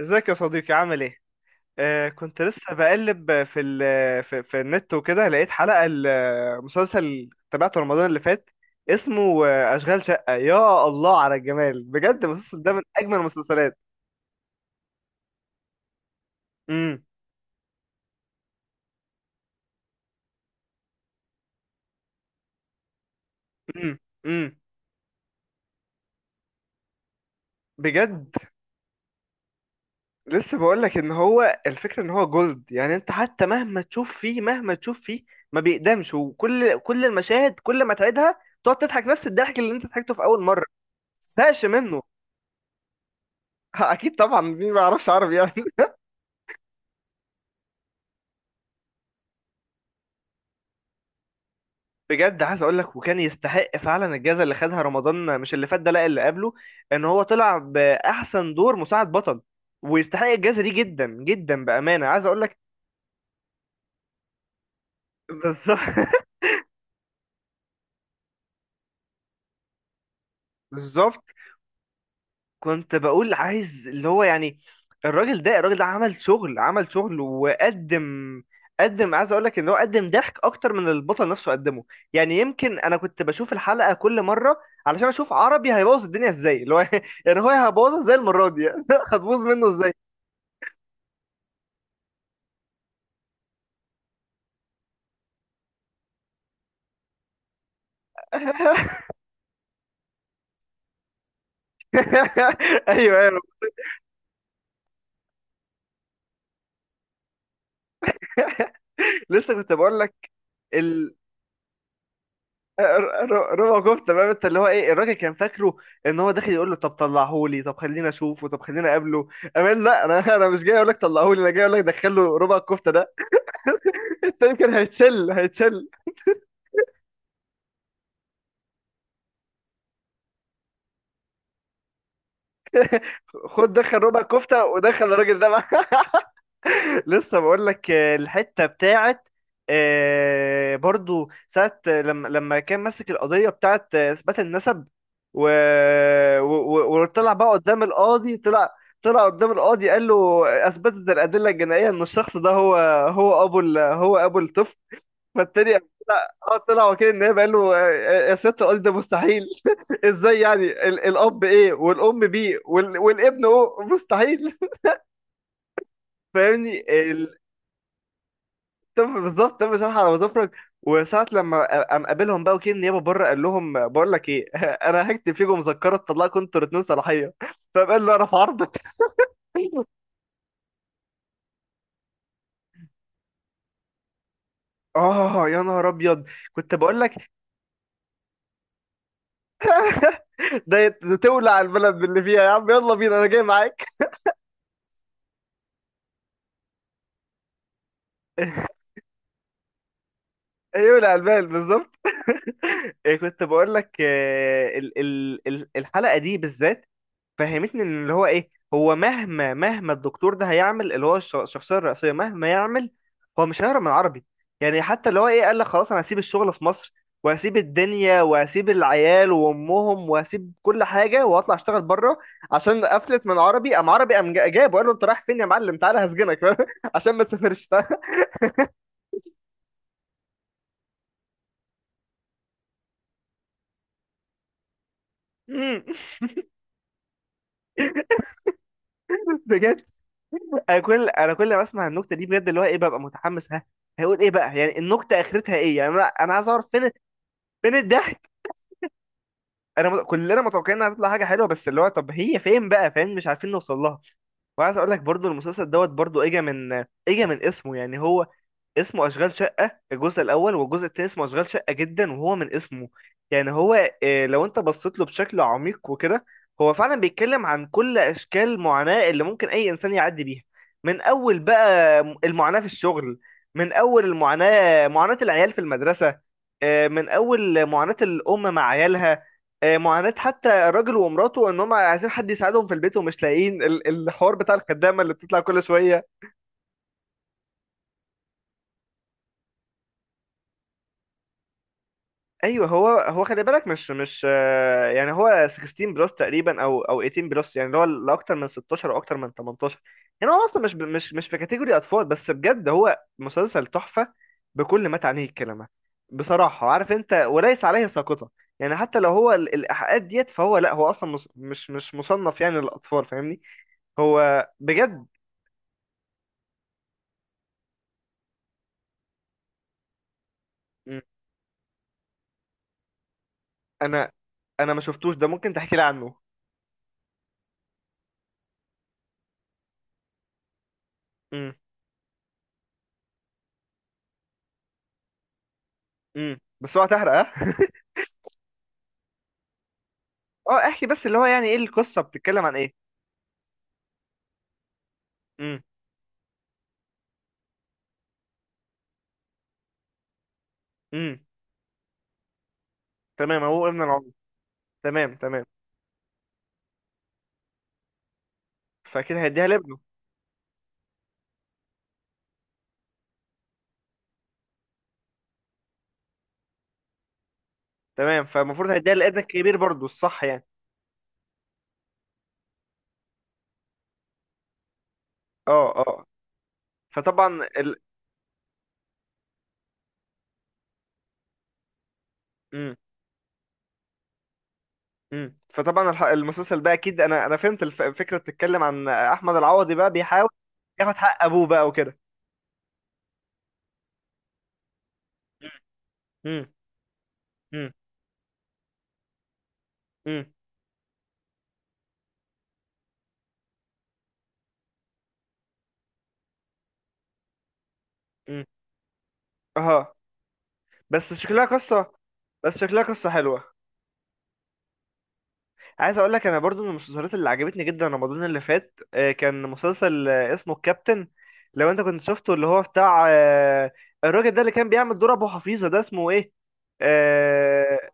ازيك يا صديقي؟ عامل ايه؟ آه، كنت لسه بقلب في النت وكده، لقيت حلقة المسلسل تابعته رمضان اللي فات. اسمه أشغال شقة. يا الله على الجمال بجد! المسلسل ده من أجمل المسلسلات. امم امم امم بجد؟ لسه بقول لك ان هو الفكرة ان هو جولد، يعني انت حتى مهما تشوف فيه ما بيقدمش، كل المشاهد كل ما تعيدها تقعد تضحك نفس الضحك اللي انت ضحكته في اول مرة، ما تزهقش منه. اكيد طبعا، مين ما يعرفش عربي يعني؟ بجد عايز اقول لك، وكان يستحق فعلا الجائزه اللي خدها رمضان، مش اللي فات ده، لا اللي قبله. ان هو طلع باحسن دور مساعد بطل، ويستحق الجائزه دي جدا جدا، بامانه عايز اقول لك. بالظبط. بالظبط. كنت بقول عايز اللي هو يعني، الراجل ده عمل شغل، وقدم، قدم. عايز اقول لك ان هو قدم ضحك اكتر من البطل نفسه قدمه. يعني يمكن انا كنت بشوف الحلقه كل مره علشان اشوف عربي هيبوظ الدنيا ازاي، اللي هو يعني هو هيبوظها ازاي المره دي. هتبوظ منه ازاي. ايوه ايوه. لسه كنت بقول لك. ال آه، ر- ر- ربع كفته بقى، انت اللي هو ايه، الراجل كان فاكره ان هو داخل يقول له طب طلعهولي، طب خلينا اشوفه، طب خلينا اقابله. امان، لا انا انا مش جاي اقول لك طلعهولي، انا جاي اقول لك دخله ربع الكفته ده. التاني كان هيتشل. خد، دخل ربع الكفته ودخل الراجل ده معاه. لسه بقول لك، الحته بتاعت، برضو ساعه لما كان ماسك القضيه بتاعت اثبات النسب، و... وطلع بقى قدام القاضي، طلع، طلع قدام القاضي قال له اثبتت الادله الجنائيه ان الشخص ده هو، هو ابو الطفل. فالتاني قام، طلع، اه طلع وكيل النيابه قال له يا سياده القاضي ده مستحيل. ازاي يعني؟ الاب ايه، والام بي، والابن او، مستحيل. فاهمني؟ طب بالظبط، تم شرح على مظافرك. وساعة لما قام قابلهم بقى وكيل النيابة بره، قال لهم بقول لك ايه، انا هكتب فيكم مذكرة تطلعكم انتوا الاتنين صلاحية. فقال له انا في عرضك. اه يا نهار ابيض! كنت بقول لك ده تولع البلد باللي فيها يا عم، يلا بينا انا جاي معاك. يولع البلد، بالظبط. إيه، كنت بقول لك الحلقة دي بالذات، فهمتني؟ ان اللي هو ايه، هو مهما الدكتور ده هيعمل، اللي هو الشخصيه الرئيسيه مهما يعمل، هو مش هيهرب من العربي. يعني حتى اللي هو ايه قال لك خلاص انا هسيب الشغل في مصر، وهسيب الدنيا، وهسيب العيال وامهم، وهسيب كل حاجه واطلع اشتغل بره، عشان قفلت من عربي. قام عربي قام جابه، قال له انت رايح فين يا معلم، تعالى هسجنك عشان ما تسافرش. مم. بجد؟ انا كل ما اسمع النكته دي بجد اللي هو ايه، ببقى متحمس، ها هيقول ايه بقى يعني، النكته اخرتها ايه يعني، انا عايز اعرف فين، فين الضحك. كلنا متوقعين انها هتطلع حاجه حلوه، بس اللي هو طب هي فين بقى، فاهم؟ مش عارفين نوصل لها. وعايز اقول لك برضو المسلسل دوت، برضو اجا من اسمه، يعني هو اسمه اشغال شقه الجزء الاول، والجزء التاني اسمه اشغال شقه جدا. وهو من اسمه، يعني هو، آه، لو انت بصيت له بشكل عميق وكده، هو فعلا بيتكلم عن كل اشكال المعاناه اللي ممكن اي انسان يعدي بيها. من اول بقى المعاناه في الشغل، من اول المعاناه معاناه العيال في المدرسه، من اول معاناه الام مع عيالها، معاناة حتى الراجل ومراته ان هم عايزين حد يساعدهم في البيت ومش لاقيين، الحوار بتاع الخدامة اللي بتطلع كل شوية. ايوه، هو خلي بالك، مش مش آه، يعني هو 16 بلس تقريبا، او 18 بلس، يعني اللي هو اللي اكتر من 16 او اكتر من 18. يعني هو اصلا مش ب- مش مش في كاتيجوري اطفال. بس بجد هو مسلسل تحفة بكل ما تعنيه الكلمة. بصراحة عارف انت، وليس عليه ساقطة، يعني حتى لو هو الايحاءات ديت، فهو لا، هو اصلا مش مصنف يعني للاطفال، فاهمني. هو بجد. انا انا ما شفتوش ده، ممكن تحكي لي عنه؟ امم. امم. بس هو هتحرق، ها؟ اه احكي، بس اللي هو يعني ايه، القصه بتتكلم عن ايه؟ امم. امم. تمام، هو ابن العم. تمام تمام. فاكيد هيديها لابنه. تمام، فالمفروض هيديها لابنك الكبير برضه، الصح يعني؟ اه اه. فطبعا ال... امم. امم. فطبعا المسلسل بقى اكيد، انا فهمت الفكره، بتتكلم عن احمد العوضي بقى بيحاول ياخد حق ابوه بقى وكده. امم. امم. امم. امم. اه بس شكلها قصه، بس شكلها قصه حلوه. عايز اقول لك انا برضو من المسلسلات اللي عجبتني جدا رمضان اللي فات، كان مسلسل، اسمه الكابتن. لو انت كنت شفته، اللي هو بتاع الراجل ده اللي كان بيعمل دور ابو حفيظه ده، اسمه ايه؟ آه،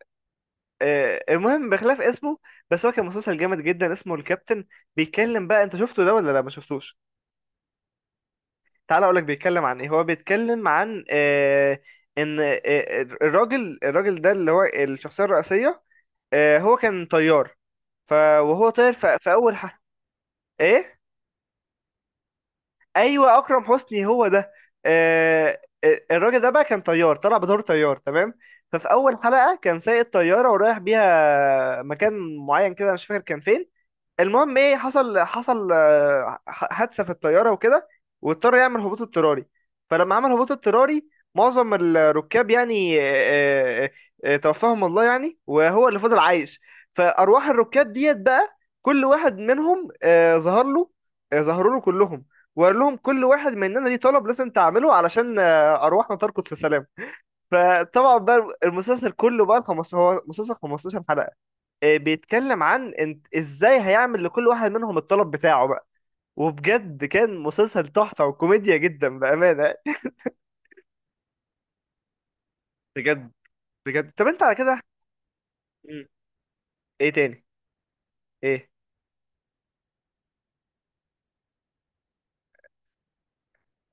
المهم بخلاف اسمه، بس هو كان مسلسل جامد جدا، اسمه الكابتن. بيتكلم بقى، انت شفته ده ولا لا؟ ما شفتوش؟ تعال اقول لك بيتكلم عن ايه. هو بيتكلم عن آه، ان آه، آه، الراجل، الراجل ده اللي هو الشخصيه الرئيسيه، آه، هو كان طيار. ف وهو طاير، في اول ايه. ايوه، اكرم حسني هو ده. الراجل ده بقى كان طيار، طلع بدور طيار تمام. ففي اول حلقه كان سايق الطياره ورايح بيها مكان معين كده، أنا مش فاكر كان فين. المهم ايه حصل، حصل، حادثه في الطياره وكده، واضطر يعمل هبوط اضطراري. فلما عمل هبوط اضطراري، معظم الركاب يعني، توفاهم الله يعني، وهو اللي فضل عايش. فارواح الركاب ديت بقى، كل واحد منهم ظهروا له كلهم، وقال لهم كل واحد مننا ليه طلب لازم تعمله علشان ارواحنا تركض في سلام. فطبعا بقى المسلسل كله بقى، هو مسلسل 15 حلقه، بيتكلم عن انت ازاي هيعمل لكل واحد منهم الطلب بتاعه بقى. وبجد كان مسلسل تحفة وكوميديا جدا بأمانة. بجد؟ بجد طب انت على كده. مم. ايه تاني؟ ايه؟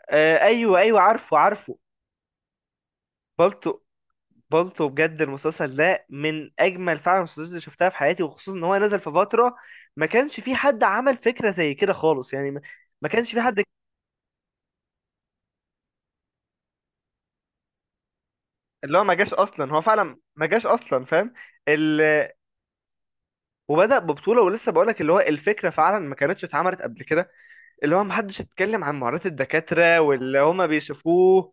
آه ايوه ايوه، عارفه عارفه. بالطو، بالطو، بجد المسلسل ده من اجمل فعلا المسلسلات اللي شفتها في حياتي، وخصوصا ان هو نزل في فترة ما كانش في حد عمل فكرة زي كده خالص يعني، ما ما كانش في حد. اللي هو ما جاش اصلا، هو فعلا ما جاش اصلا، فاهم؟ ال- وبدأ ببطولة. ولسه بقولك اللي هو الفكرة فعلا ما كانتش اتعملت قبل كده، اللي هو محدش اتكلم عن معاناة الدكاترة واللي هما بيشوفوه.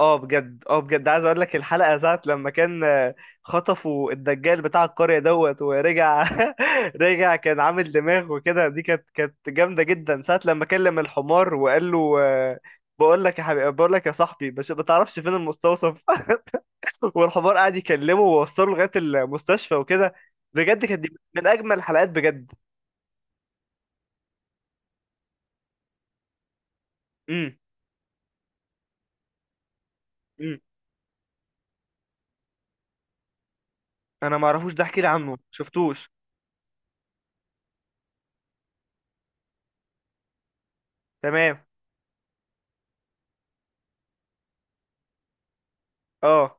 اه بجد، اه بجد عايز اقولك الحلقة ساعة لما كان خطفوا الدجال بتاع القرية دوت ورجع، رجع كان عامل دماغ وكده، دي كانت كانت جامدة جدا، ساعة لما كلم الحمار وقال له بقول لك يا حبيبي، بقول لك يا صاحبي، بس ما تعرفش فين المستوصف. والحمار قعد يكلمه ووصله لغايه المستشفى وكده. بجد كانت دي من اجمل الحلقات بجد. امم. امم. انا ما اعرفوش ده، احكي لي عنه، شفتوش. تمام. اه.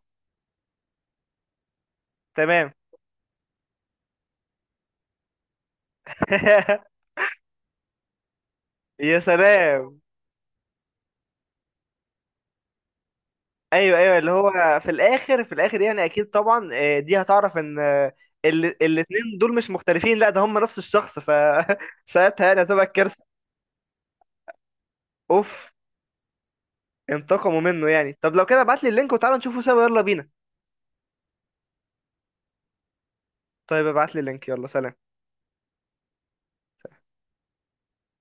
تمام. يا سلام. ايوه ايوه، اللي هو في الاخر، في الاخر يعني اكيد طبعا، دي هتعرف ان، الاتنين دول مش مختلفين، لا ده هم نفس الشخص. ساعتها يعني هتبقى الكارثه. اوف، انتقموا منه يعني. طب لو كده ابعت لي اللينك وتعالى نشوفه سوا، يلا بينا. طيب ابعت لي اللينك، يلا سلام.